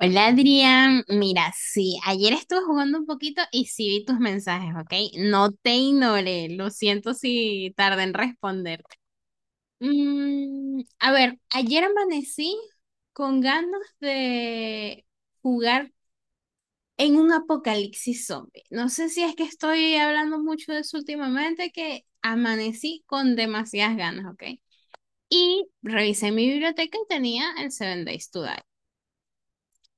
Hola Adrián, mira, sí, ayer estuve jugando un poquito y sí vi tus mensajes, ¿ok? No te ignoré, lo siento si tardé en responder. A ver, ayer amanecí con ganas de jugar en un apocalipsis zombie. No sé si es que estoy hablando mucho de eso últimamente, que amanecí con demasiadas ganas, ¿ok? Y revisé mi biblioteca y tenía el Seven Days to Die.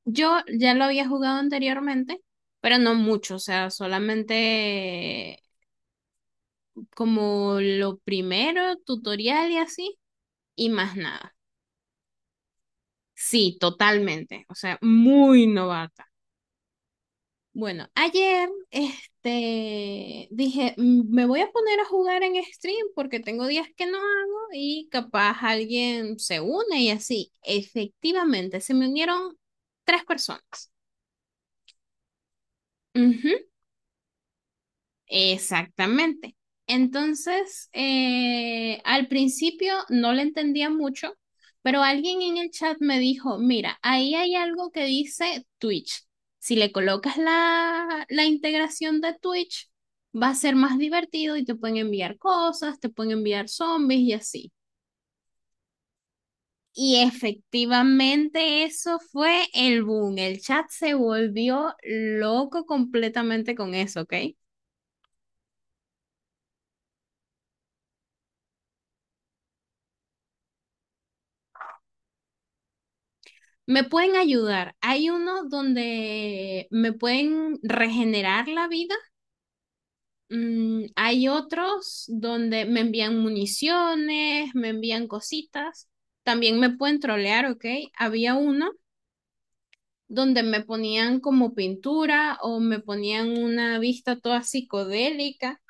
Yo ya lo había jugado anteriormente, pero no mucho, o sea, solamente como lo primero, tutorial y así, y más nada. Sí, totalmente, o sea, muy novata. Bueno, ayer, dije, Me voy a poner a jugar en stream porque tengo días que no hago y capaz alguien se une y así. Efectivamente, se me unieron tres personas. Ujú. Exactamente. Entonces, al principio no le entendía mucho, pero alguien en el chat me dijo, mira, ahí hay algo que dice Twitch. Si le colocas la integración de Twitch, va a ser más divertido y te pueden enviar cosas, te pueden enviar zombies y así. Y efectivamente eso fue el boom. El chat se volvió loco completamente con eso, ¿ok? Me pueden ayudar. Hay uno donde me pueden regenerar la vida. Hay otros donde me envían municiones, me envían cositas. También me pueden trolear, ¿ok? Había uno donde me ponían como pintura o me ponían una vista toda psicodélica.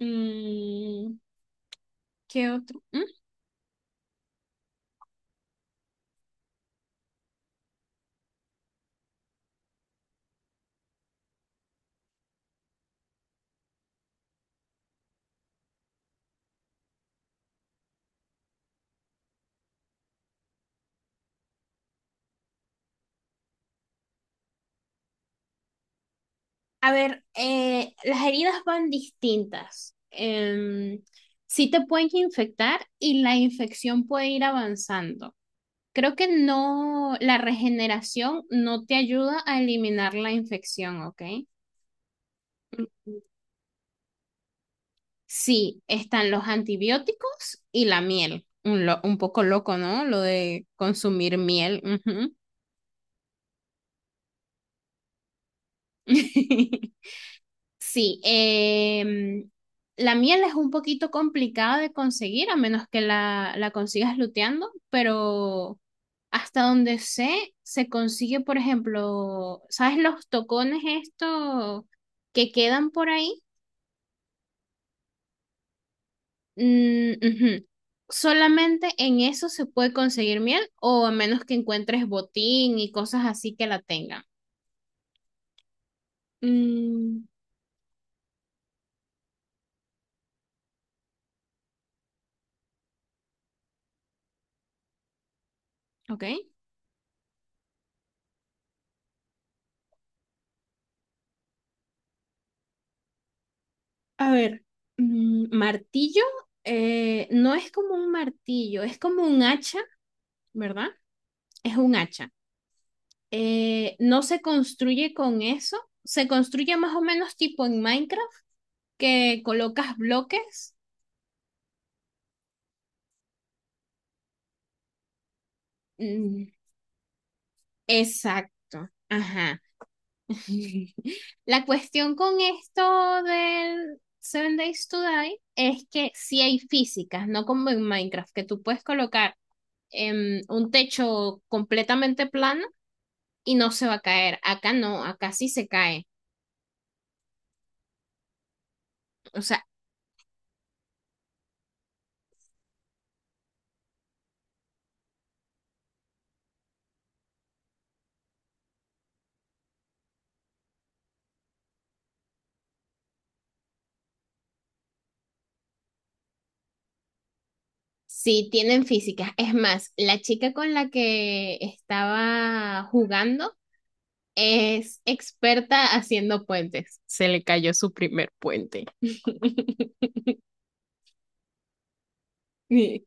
Mm, ¿Qué otro? ¿Mm? A ver, las heridas van distintas. Sí te pueden infectar y la infección puede ir avanzando. Creo que no, la regeneración no te ayuda a eliminar la infección, ¿ok? Sí, están los antibióticos y la miel. Un poco loco, ¿no? Lo de consumir miel. Ujú. Sí, em, la miel es un poquito complicada de conseguir, a menos que la consigas luteando, pero hasta donde sé, se consigue, por ejemplo, ¿sabes los tocones estos que quedan por ahí? Mm, ujú. Solamente en eso se puede conseguir miel, o a menos que encuentres botín y cosas así que la tengan. Mm, ok. A ver, martillo, no es como un martillo, es como un hacha, ¿verdad? Es un hacha. No se construye con eso, se construye más o menos tipo en Minecraft, que colocas bloques. Mm, exacto, ajá. La cuestión con esto del Seven Days to Die es que sí hay físicas, no como en Minecraft, que tú puedes colocar un techo completamente plano y no se va a caer. Acá no, acá sí se cae. O sea, sí tienen físicas. Es más, la chica con la que estaba jugando es experta haciendo puentes. Se le cayó su primer puente.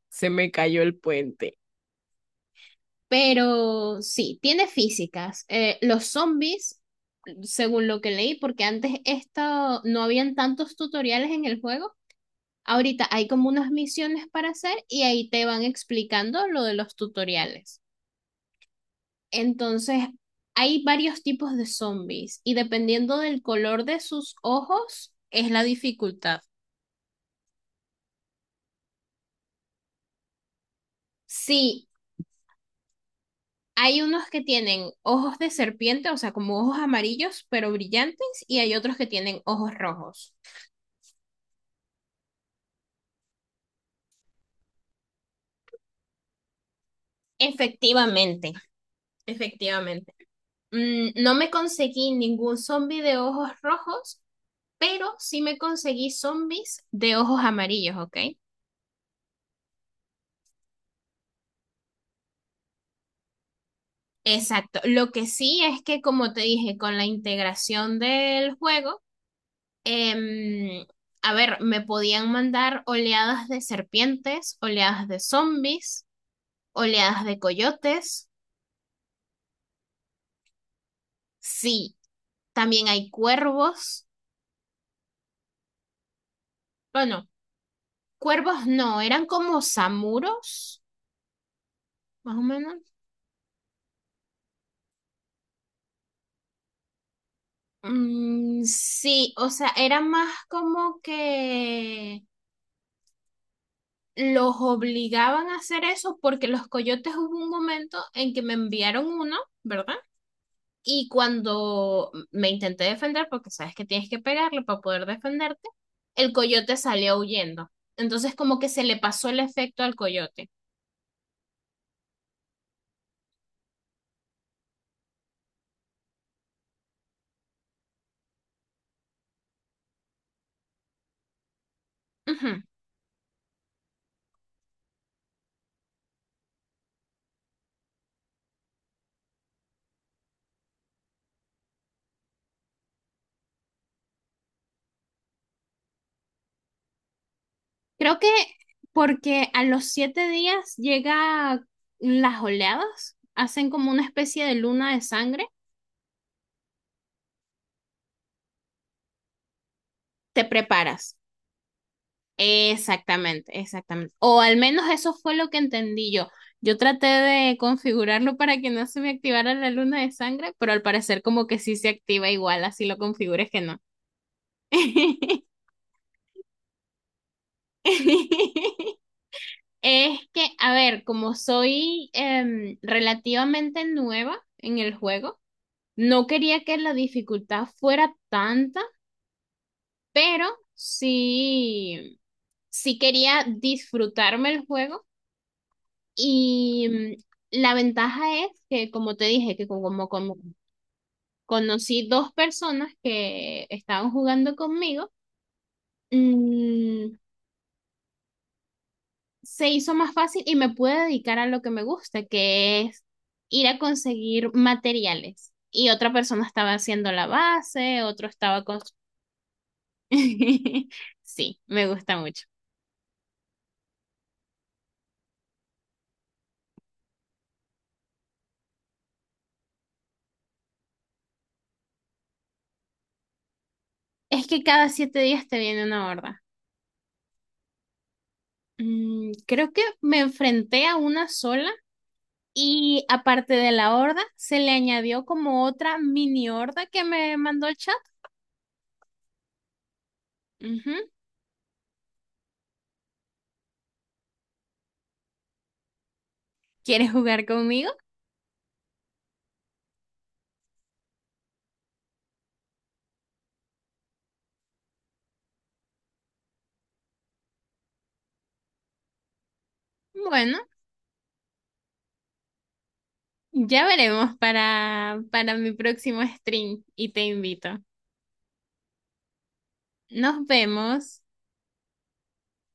Se me cayó el puente. Pero sí, tiene físicas. Los zombies, según lo que leí, porque antes esto no habían tantos tutoriales en el juego. Ahorita hay como unas misiones para hacer y ahí te van explicando lo de los tutoriales. Entonces, hay varios tipos de zombies y dependiendo del color de sus ojos es la dificultad. Sí, hay unos que tienen ojos de serpiente, o sea, como ojos amarillos pero brillantes, y hay otros que tienen ojos rojos. Efectivamente, efectivamente. No me conseguí ningún zombie de ojos rojos, pero sí me conseguí zombies de ojos amarillos, ¿ok? Exacto. Lo que sí es que, como te dije, con la integración del juego, em, a ver, me podían mandar oleadas de serpientes, oleadas de zombies, oleadas de coyotes. Sí, también hay cuervos. Bueno, cuervos no, eran como samuros, más o menos. Mm, sí, o sea, era más como que los obligaban a hacer eso porque los coyotes hubo un momento en que me enviaron uno, ¿verdad? Y cuando me intenté defender, porque sabes que tienes que pegarle para poder defenderte, el coyote salió huyendo. Entonces como que se le pasó el efecto al coyote. Ujú. Creo que porque a los 7 días llega las oleadas, hacen como una especie de luna de sangre, te preparas. Exactamente, exactamente. O al menos eso fue lo que entendí yo. Yo traté de configurarlo para que no se me activara la luna de sangre, pero al parecer como que sí se activa igual, así lo configures que no. Es que, a ver, como soy relativamente nueva en el juego, no quería que la dificultad fuera tanta, pero sí, sí quería disfrutarme el juego. Y la ventaja es que, como te dije, que como conocí dos personas que estaban jugando conmigo, mm, se hizo más fácil y me pude dedicar a lo que me gusta, que es ir a conseguir materiales. Y otra persona estaba haciendo la base, otro estaba con... Sí, me gusta mucho. Es que cada 7 días te viene una horda. Creo que me enfrenté a una sola. Y aparte de la horda, se le añadió como otra mini horda que me mandó el chat. Ujú. ¿Quieres jugar conmigo? Bueno, ya veremos para mi próximo stream y te invito. Nos vemos.